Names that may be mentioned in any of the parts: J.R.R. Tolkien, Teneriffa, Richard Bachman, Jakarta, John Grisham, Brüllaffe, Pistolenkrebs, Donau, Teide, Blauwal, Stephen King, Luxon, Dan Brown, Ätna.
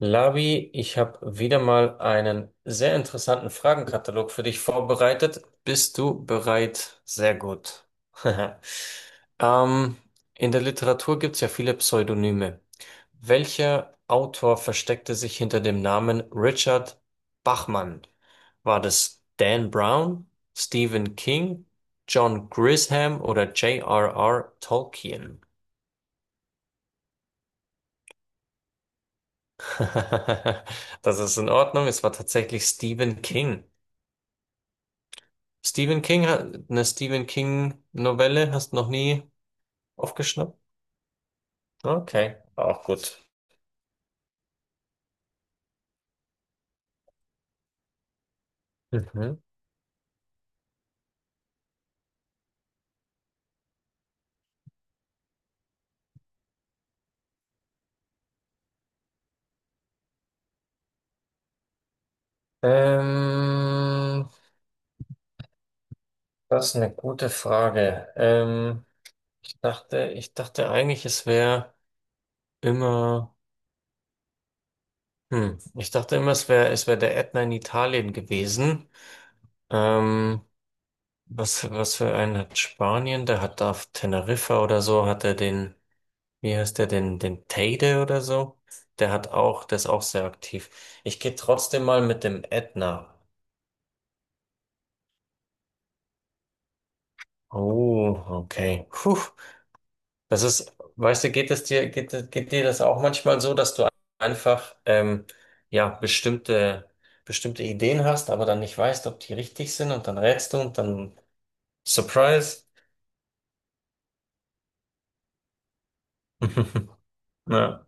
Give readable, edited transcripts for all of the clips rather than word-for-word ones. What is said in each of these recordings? Labi, ich habe wieder mal einen sehr interessanten Fragenkatalog für dich vorbereitet. Bist du bereit? Sehr gut. Ähm, in der Literatur gibt es ja viele Pseudonyme. Welcher Autor versteckte sich hinter dem Namen Richard Bachman? War das Dan Brown, Stephen King, John Grisham oder J.R.R. Tolkien? Das ist in Ordnung. Es war tatsächlich Stephen King. Stephen King hat eine Stephen King Novelle, hast noch nie aufgeschnappt? Okay, auch gut. Mhm. Ähm, das ist eine gute Frage. Ich dachte eigentlich, es wäre immer, ich dachte immer, es wäre der Ätna in Italien gewesen. Ähm, was für einen hat Spanien? Der hat auf Teneriffa oder so, hat er den. Wie heißt der denn? Den Teide oder so? Der hat auch, der ist auch sehr aktiv. Ich gehe trotzdem mal mit dem Ätna. Oh, okay. Puh, das ist, weißt du, geht dir das auch manchmal so, dass du einfach, ja, bestimmte Ideen hast, aber dann nicht weißt, ob die richtig sind und dann rätst du und dann Surprise. Ja.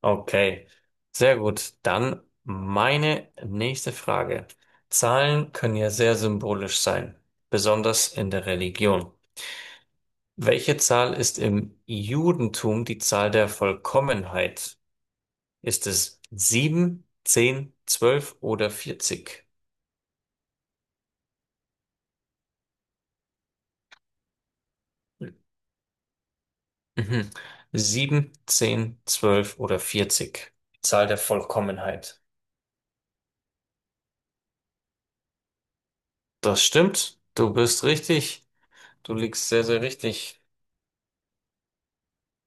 Okay, sehr gut. Dann meine nächste Frage. Zahlen können ja sehr symbolisch sein, besonders in der Religion. Welche Zahl ist im Judentum die Zahl der Vollkommenheit? Ist es 7, 10, 12 oder 40? Mhm. sieben, zehn, zwölf oder 40. Die Zahl der Vollkommenheit. Das stimmt. Du bist richtig. Du liegst sehr, sehr richtig.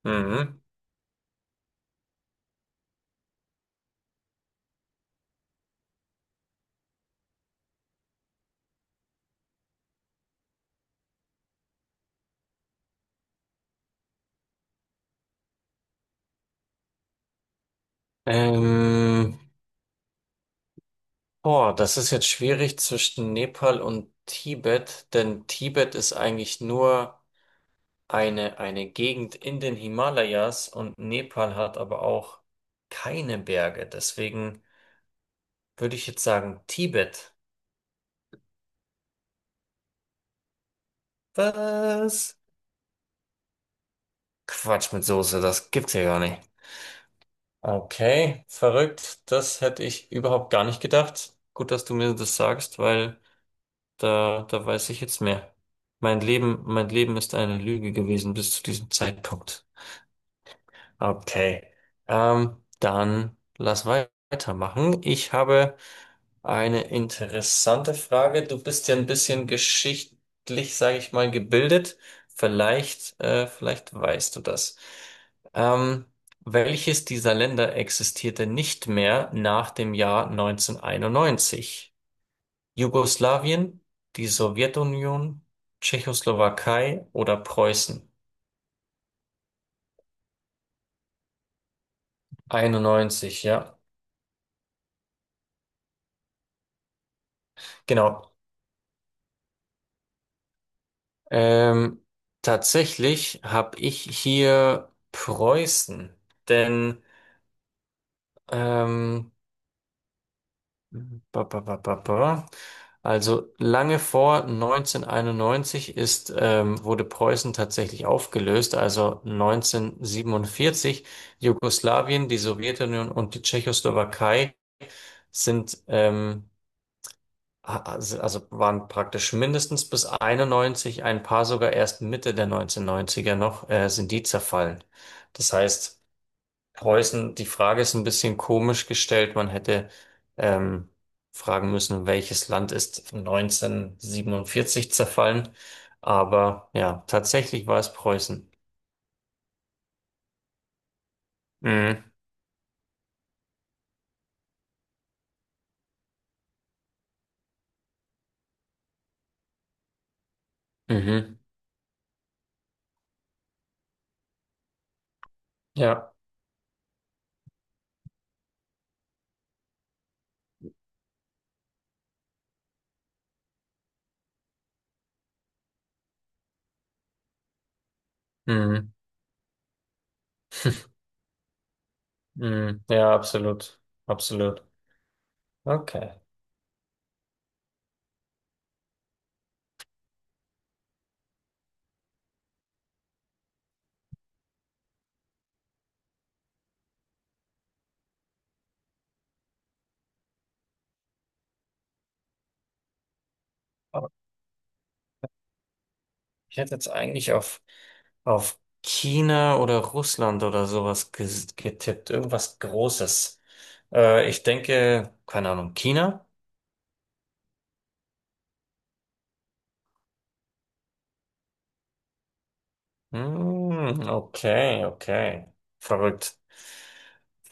Mhm. Ähm, boah, das ist jetzt schwierig zwischen Nepal und Tibet, denn Tibet ist eigentlich nur eine Gegend in den Himalayas und Nepal hat aber auch keine Berge. Deswegen würde ich jetzt sagen Tibet. Was? Quatsch mit Soße, das gibt's ja gar nicht. Okay, verrückt. Das hätte ich überhaupt gar nicht gedacht. Gut, dass du mir das sagst, weil da, da weiß ich jetzt mehr. Mein Leben ist eine Lüge gewesen bis zu diesem Zeitpunkt. Okay. Dann lass weitermachen. Ich habe eine interessante Frage. Du bist ja ein bisschen geschichtlich, sage ich mal, gebildet. Vielleicht, vielleicht weißt du das. Ähm, welches dieser Länder existierte nicht mehr nach dem Jahr 1991? Jugoslawien, die Sowjetunion, Tschechoslowakei oder Preußen? Einundneunzig, ja. Genau. Ähm, tatsächlich habe ich hier Preußen, denn ähm, ba, ba, ba, ba, ba. Also lange vor 1991 ist, wurde Preußen tatsächlich aufgelöst, also 1947. Jugoslawien, die Sowjetunion und die Tschechoslowakei sind, also waren praktisch mindestens bis 91, ein paar sogar erst Mitte der 1990er noch, sind die zerfallen. Das heißt, Preußen, die Frage ist ein bisschen komisch gestellt. Man hätte ähm, fragen müssen, welches Land ist 1947 zerfallen? Aber ja, tatsächlich war es Preußen. Mhm. Mhm. Ja. Mhm. Mhm. Ja, absolut. Absolut. Okay. Aber ich hätte jetzt eigentlich auf China oder Russland oder sowas getippt. Irgendwas Großes. Ich denke, keine Ahnung, China? Hm, okay, okay. Verrückt,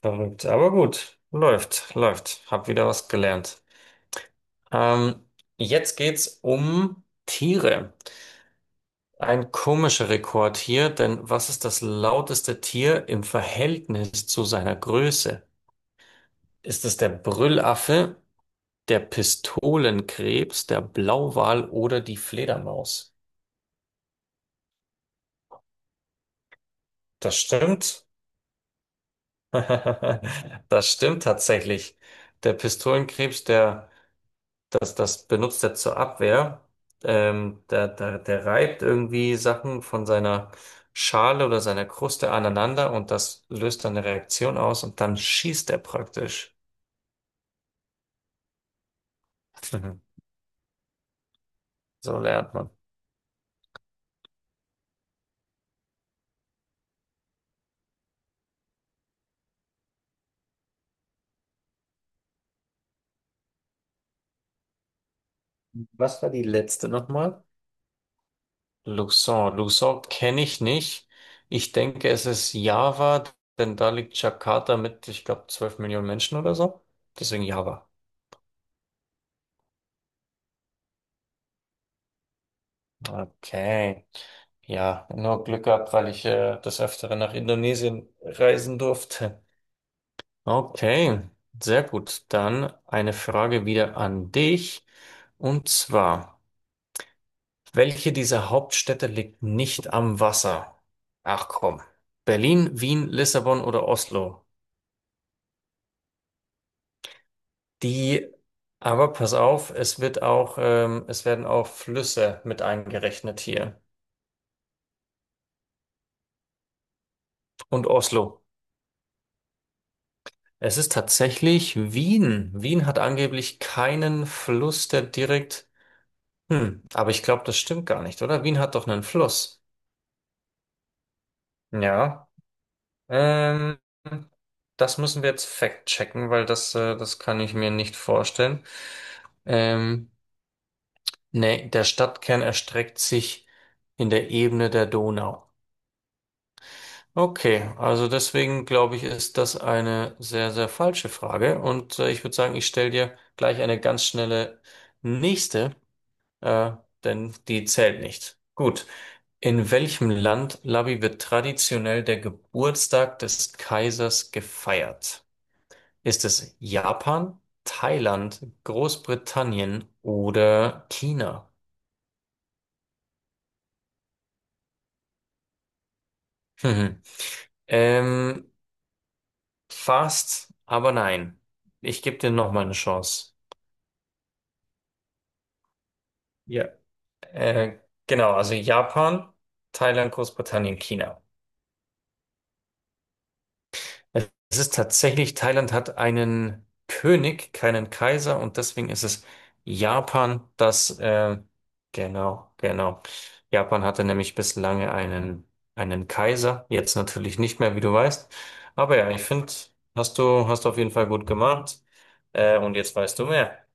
verrückt. Aber gut, läuft, läuft. Hab wieder was gelernt. Ähm, jetzt geht's um Tiere. Ein komischer Rekord hier, denn was ist das lauteste Tier im Verhältnis zu seiner Größe? Ist es der Brüllaffe? Der Pistolenkrebs, der Blauwal oder die Fledermaus. Das stimmt. Das stimmt tatsächlich. Der Pistolenkrebs, das benutzt er zur Abwehr. Der reibt irgendwie Sachen von seiner Schale oder seiner Kruste aneinander und das löst dann eine Reaktion aus und dann schießt er praktisch. So lernt man. Was war die letzte nochmal? Luxon. Luxon kenne ich nicht. Ich denke, es ist Java, denn da liegt Jakarta mit, ich glaube, 12 Millionen Menschen oder so. Deswegen Java. Okay. Ja, nur Glück gehabt, weil ich des Öfteren nach Indonesien reisen durfte. Okay, sehr gut. Dann eine Frage wieder an dich. Und zwar, welche dieser Hauptstädte liegt nicht am Wasser? Ach komm. Berlin, Wien, Lissabon oder Oslo? Die, aber pass auf, es wird auch, es werden auch Flüsse mit eingerechnet hier. Und Oslo. Es ist tatsächlich Wien. Wien hat angeblich keinen Fluss, der direkt. Hm, aber ich glaube, das stimmt gar nicht, oder? Wien hat doch einen Fluss. Ja. Ähm, das müssen wir jetzt fact-checken, weil das, das kann ich mir nicht vorstellen. Ähm, nee, der Stadtkern erstreckt sich in der Ebene der Donau. Okay, also deswegen glaube ich, ist das eine sehr, sehr falsche Frage. Und ich würde sagen, ich stelle dir gleich eine ganz schnelle nächste, äh, denn die zählt nicht. Gut. In welchem Land, Labi, wird traditionell der Geburtstag des Kaisers gefeiert? Ist es Japan, Thailand, Großbritannien oder China? Hm. Ähm, fast, aber nein. Ich gebe dir noch mal eine Chance. Ja. Äh, genau, also Japan, Thailand, Großbritannien, China. Es ist tatsächlich, Thailand hat einen König, keinen Kaiser und deswegen ist es Japan, das, genau, genau. Japan hatte nämlich bislang einen, einen Kaiser, jetzt natürlich nicht mehr, wie du weißt. Aber ja, ich finde, hast du auf jeden Fall gut gemacht. Und jetzt weißt du mehr.